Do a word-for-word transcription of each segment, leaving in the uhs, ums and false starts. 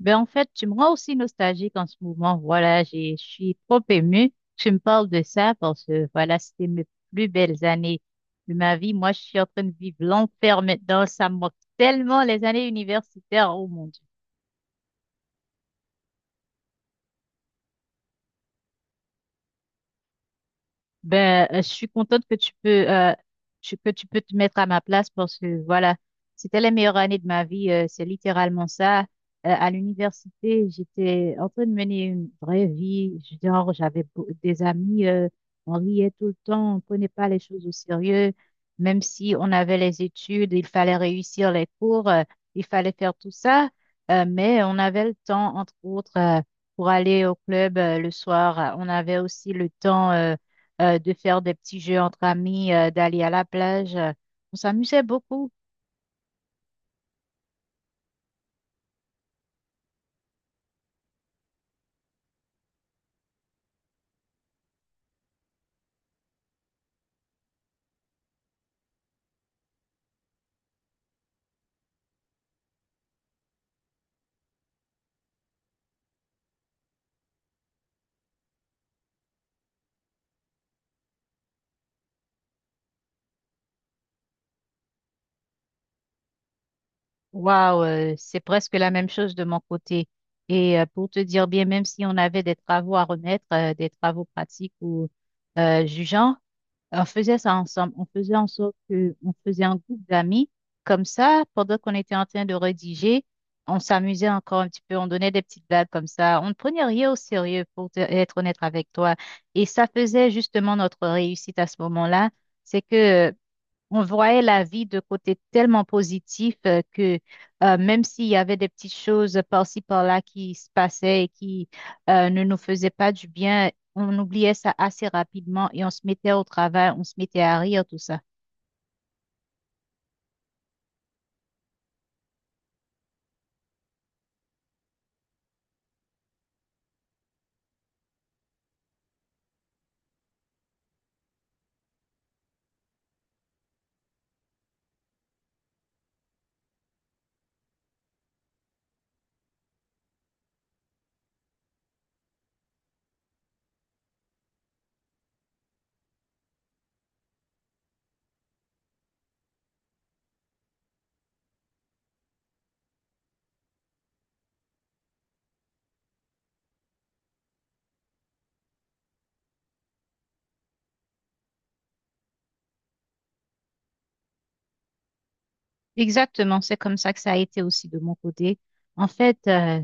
Ben, en fait, tu me rends aussi nostalgique en ce moment. Voilà, j'ai, je suis trop émue. Tu me parles de ça parce que, voilà, c'était mes plus belles années de ma vie. Moi, je suis en train de vivre l'enfer maintenant. Ça me manque tellement les années universitaires. Oh mon Dieu. Ben, euh, je suis contente que tu peux, euh, tu- que tu peux te mettre à ma place parce que voilà, c'était les meilleures années de ma vie. Euh, c'est littéralement ça. Euh, à l'université, j'étais en train de mener une vraie vie. Je- Genre, j'avais beau- des amis, euh, on riait tout le temps, on prenait pas les choses au sérieux. Même si on avait les études, il fallait réussir les cours, euh, il fallait faire tout ça. Euh, mais on avait le temps, entre autres, euh, pour aller au club, euh, le soir. On avait aussi le temps. Euh, euh, de faire des petits jeux entre amis, euh, d'aller à la plage. euh, On s'amusait beaucoup. Waouh, euh, c'est presque la même chose de mon côté. Et euh, pour te dire bien, même si on avait des travaux à remettre, euh, des travaux pratiques ou euh, jugeants, on faisait ça ensemble. On faisait en sorte que, on faisait un groupe d'amis. Comme ça, pendant qu'on était en train de rédiger, on s'amusait encore un petit peu. On donnait des petites blagues comme ça. On ne prenait rien au sérieux pour te- être honnête avec toi. Et ça faisait justement notre réussite à ce moment-là. C'est que on voyait la vie de côté tellement positif euh, que euh, même s'il y avait des petites choses par-ci par-là qui se passaient et qui euh, ne nous faisaient pas du bien, on oubliait ça assez rapidement et on se mettait au travail, on se mettait à rire, tout ça. Exactement, c'est comme ça que ça a été aussi de mon côté. En fait, euh,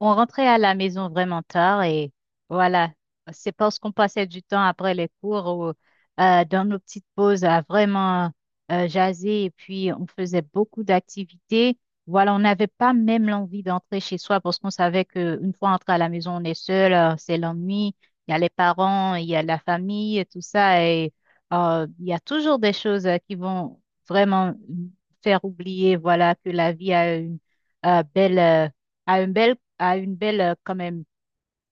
on rentrait à la maison vraiment tard et voilà, c'est parce qu'on passait du temps après les cours ou euh, dans nos petites pauses à vraiment euh, jaser et puis on faisait beaucoup d'activités. Voilà, on n'avait pas même l'envie d'entrer chez soi parce qu'on savait qu'une fois entré à la maison, on est seul, euh, c'est l'ennui, il y a les parents, il y a la famille, tout ça et euh, il y a toujours des choses euh, qui vont vraiment faire oublier, voilà, que la vie a une euh, belle, euh, a une belle, a une belle, euh, quand même,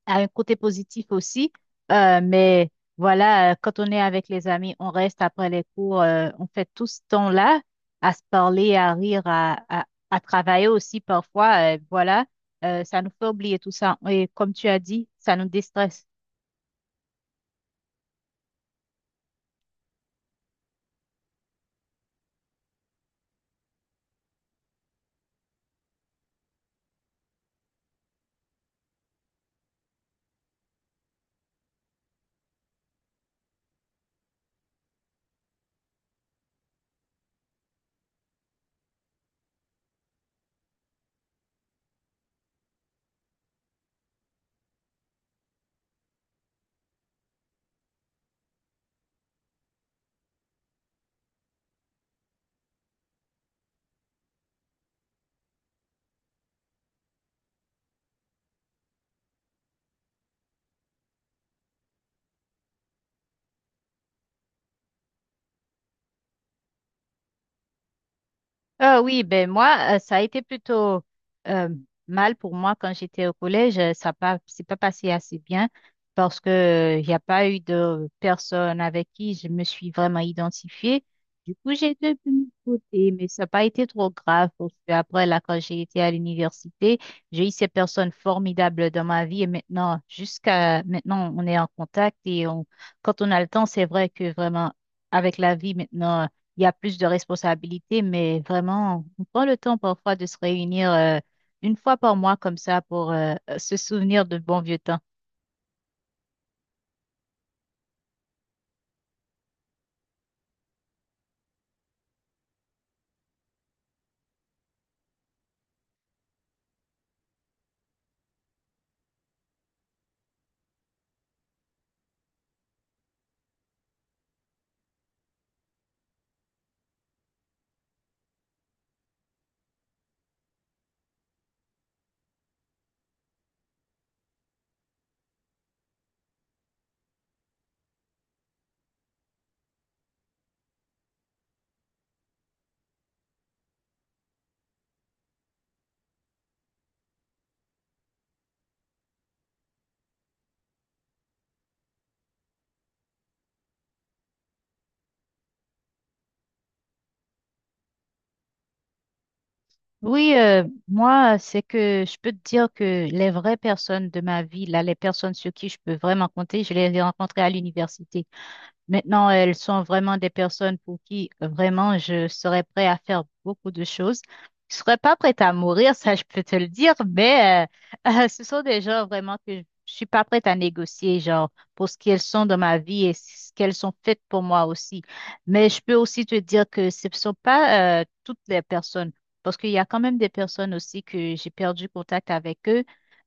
a un côté positif aussi. Euh, mais voilà, euh, quand on est avec les amis, on reste après les cours, euh, on fait tout ce temps-là à se parler, à rire, à, à, à travailler aussi parfois. Euh, voilà, Euh, ça nous fait oublier tout ça. Et comme tu as dit, ça nous déstresse. Ah oui, ben moi, euh, ça a été plutôt euh, mal pour moi quand j'étais au collège. Euh, Ça pas, c'est pas passé assez bien parce que euh, il n'y a pas eu de personne avec qui je me suis vraiment identifiée. Du coup, j'ai été de mon côté, mais ça n'a pas été trop grave parce que après, là, quand j'ai été à l'université, j'ai eu ces personnes formidables dans ma vie et maintenant, jusqu'à maintenant, on est en contact et on, quand on a le temps, c'est vrai que vraiment, avec la vie maintenant, il y a plus de responsabilités, mais vraiment, on prend le temps parfois de se réunir euh, une fois par mois comme ça pour euh, se souvenir de bons vieux temps. Oui, euh, moi, c'est que je peux te dire que les vraies personnes de ma vie, là, les personnes sur qui je peux vraiment compter, je les ai rencontrées à l'université. Maintenant, elles sont vraiment des personnes pour qui vraiment je serais prêt à faire beaucoup de choses. Je serais pas prête à mourir, ça je peux te le dire, mais euh, euh, ce sont des gens vraiment que je suis pas prête à négocier, genre pour ce qu'elles sont dans ma vie et ce qu'elles sont faites pour moi aussi. Mais je peux aussi te dire que ce ne sont pas euh, toutes les personnes, parce qu'il y a quand même des personnes aussi que j'ai perdu contact avec eux.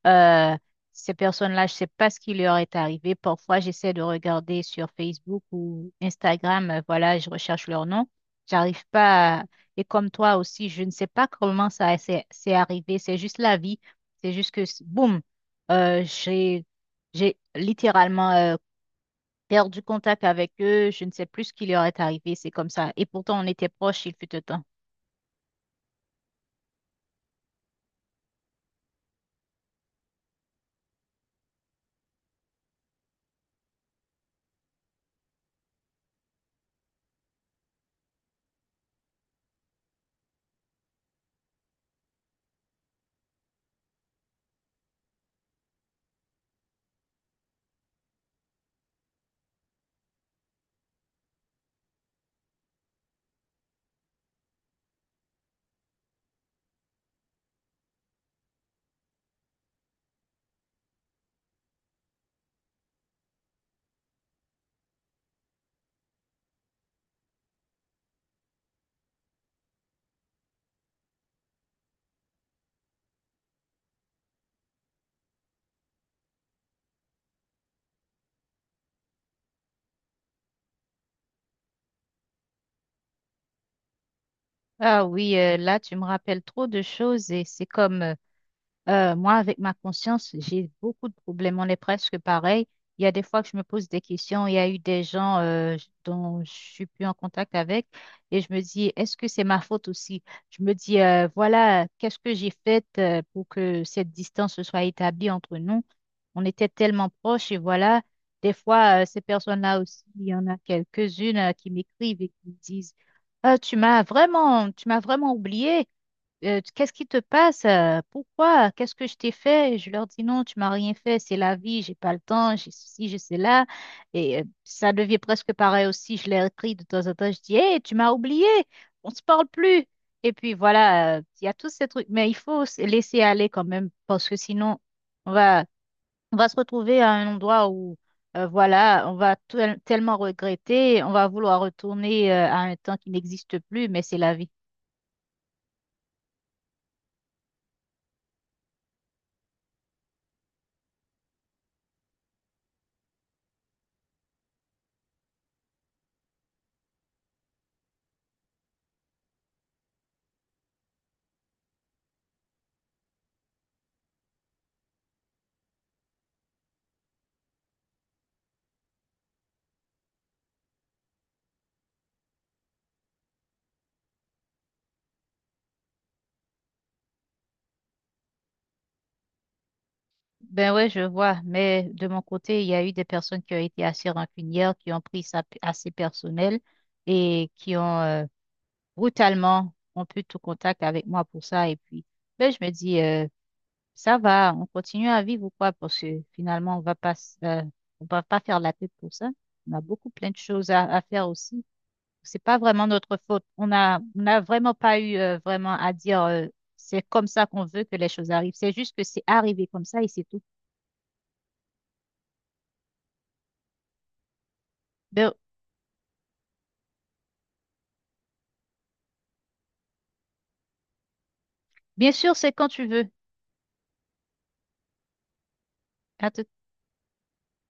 Euh, Ces personnes-là, je ne sais pas ce qui leur est arrivé. Parfois, j'essaie de regarder sur Facebook ou Instagram, euh, voilà, je recherche leur nom. J'arrive pas à- Et comme toi aussi, je ne sais pas comment ça s'est c'est arrivé. C'est juste la vie. C'est juste que, c- boum, euh, j'ai, j'ai littéralement euh, perdu contact avec eux. Je ne sais plus ce qui leur est arrivé. C'est comme ça. Et pourtant, on était proches, il fut un temps. Ah oui, euh, là, tu me rappelles trop de choses et c'est comme... euh, Euh, moi, avec ma conscience, j'ai beaucoup de problèmes. On est presque pareil. Il y a des fois que je me pose des questions. Il y a eu des gens euh, j- dont je suis plus en contact avec et je me dis, est-ce que c'est ma faute aussi? Je me dis, euh, voilà, qu'est-ce que j'ai fait euh, pour que cette distance se soit établie entre nous? On était tellement proches et voilà, des fois, euh, ces personnes-là aussi, il y en a quelques-unes euh, qui m'écrivent et qui me disent, ah, tu m'as vraiment, tu m'as vraiment oublié. Euh, qu'est-ce qui te passe? Euh, Pourquoi? Qu'est-ce que je t'ai fait? Je leur dis non, tu m'as rien fait, c'est la vie, j'ai pas le temps, j'ai ceci, j'ai cela. Et euh, ça devient presque pareil aussi, je les écris de temps en temps, je dis, hé, tu m'as oublié, on se parle plus. Et puis voilà, euh, il y a tous ces trucs, mais il faut se laisser aller quand même, parce que sinon, on va, on va se retrouver à un endroit où, euh, voilà, on va tel- tellement regretter, on va vouloir retourner euh, à un temps qui n'existe plus, mais c'est la vie. Ben ouais, je vois, mais de mon côté, il y a eu des personnes qui ont été assez rancunières, qui ont pris ça p- assez personnel et qui ont euh, brutalement rompu tout contact avec moi pour ça. Et puis, ben, je me dis, euh, ça va, on continue à vivre ou quoi? Parce que finalement, on va pas, s- euh, on va pas faire la tête pour ça. On a beaucoup plein de choses à, à faire aussi. C'est pas vraiment notre faute. On a, on n'a vraiment pas eu euh, vraiment à dire, euh, c'est comme ça qu'on veut que les choses arrivent. C'est juste que c'est arrivé comme ça et c'est tout. Ben, bien sûr, c'est quand tu veux. À tout.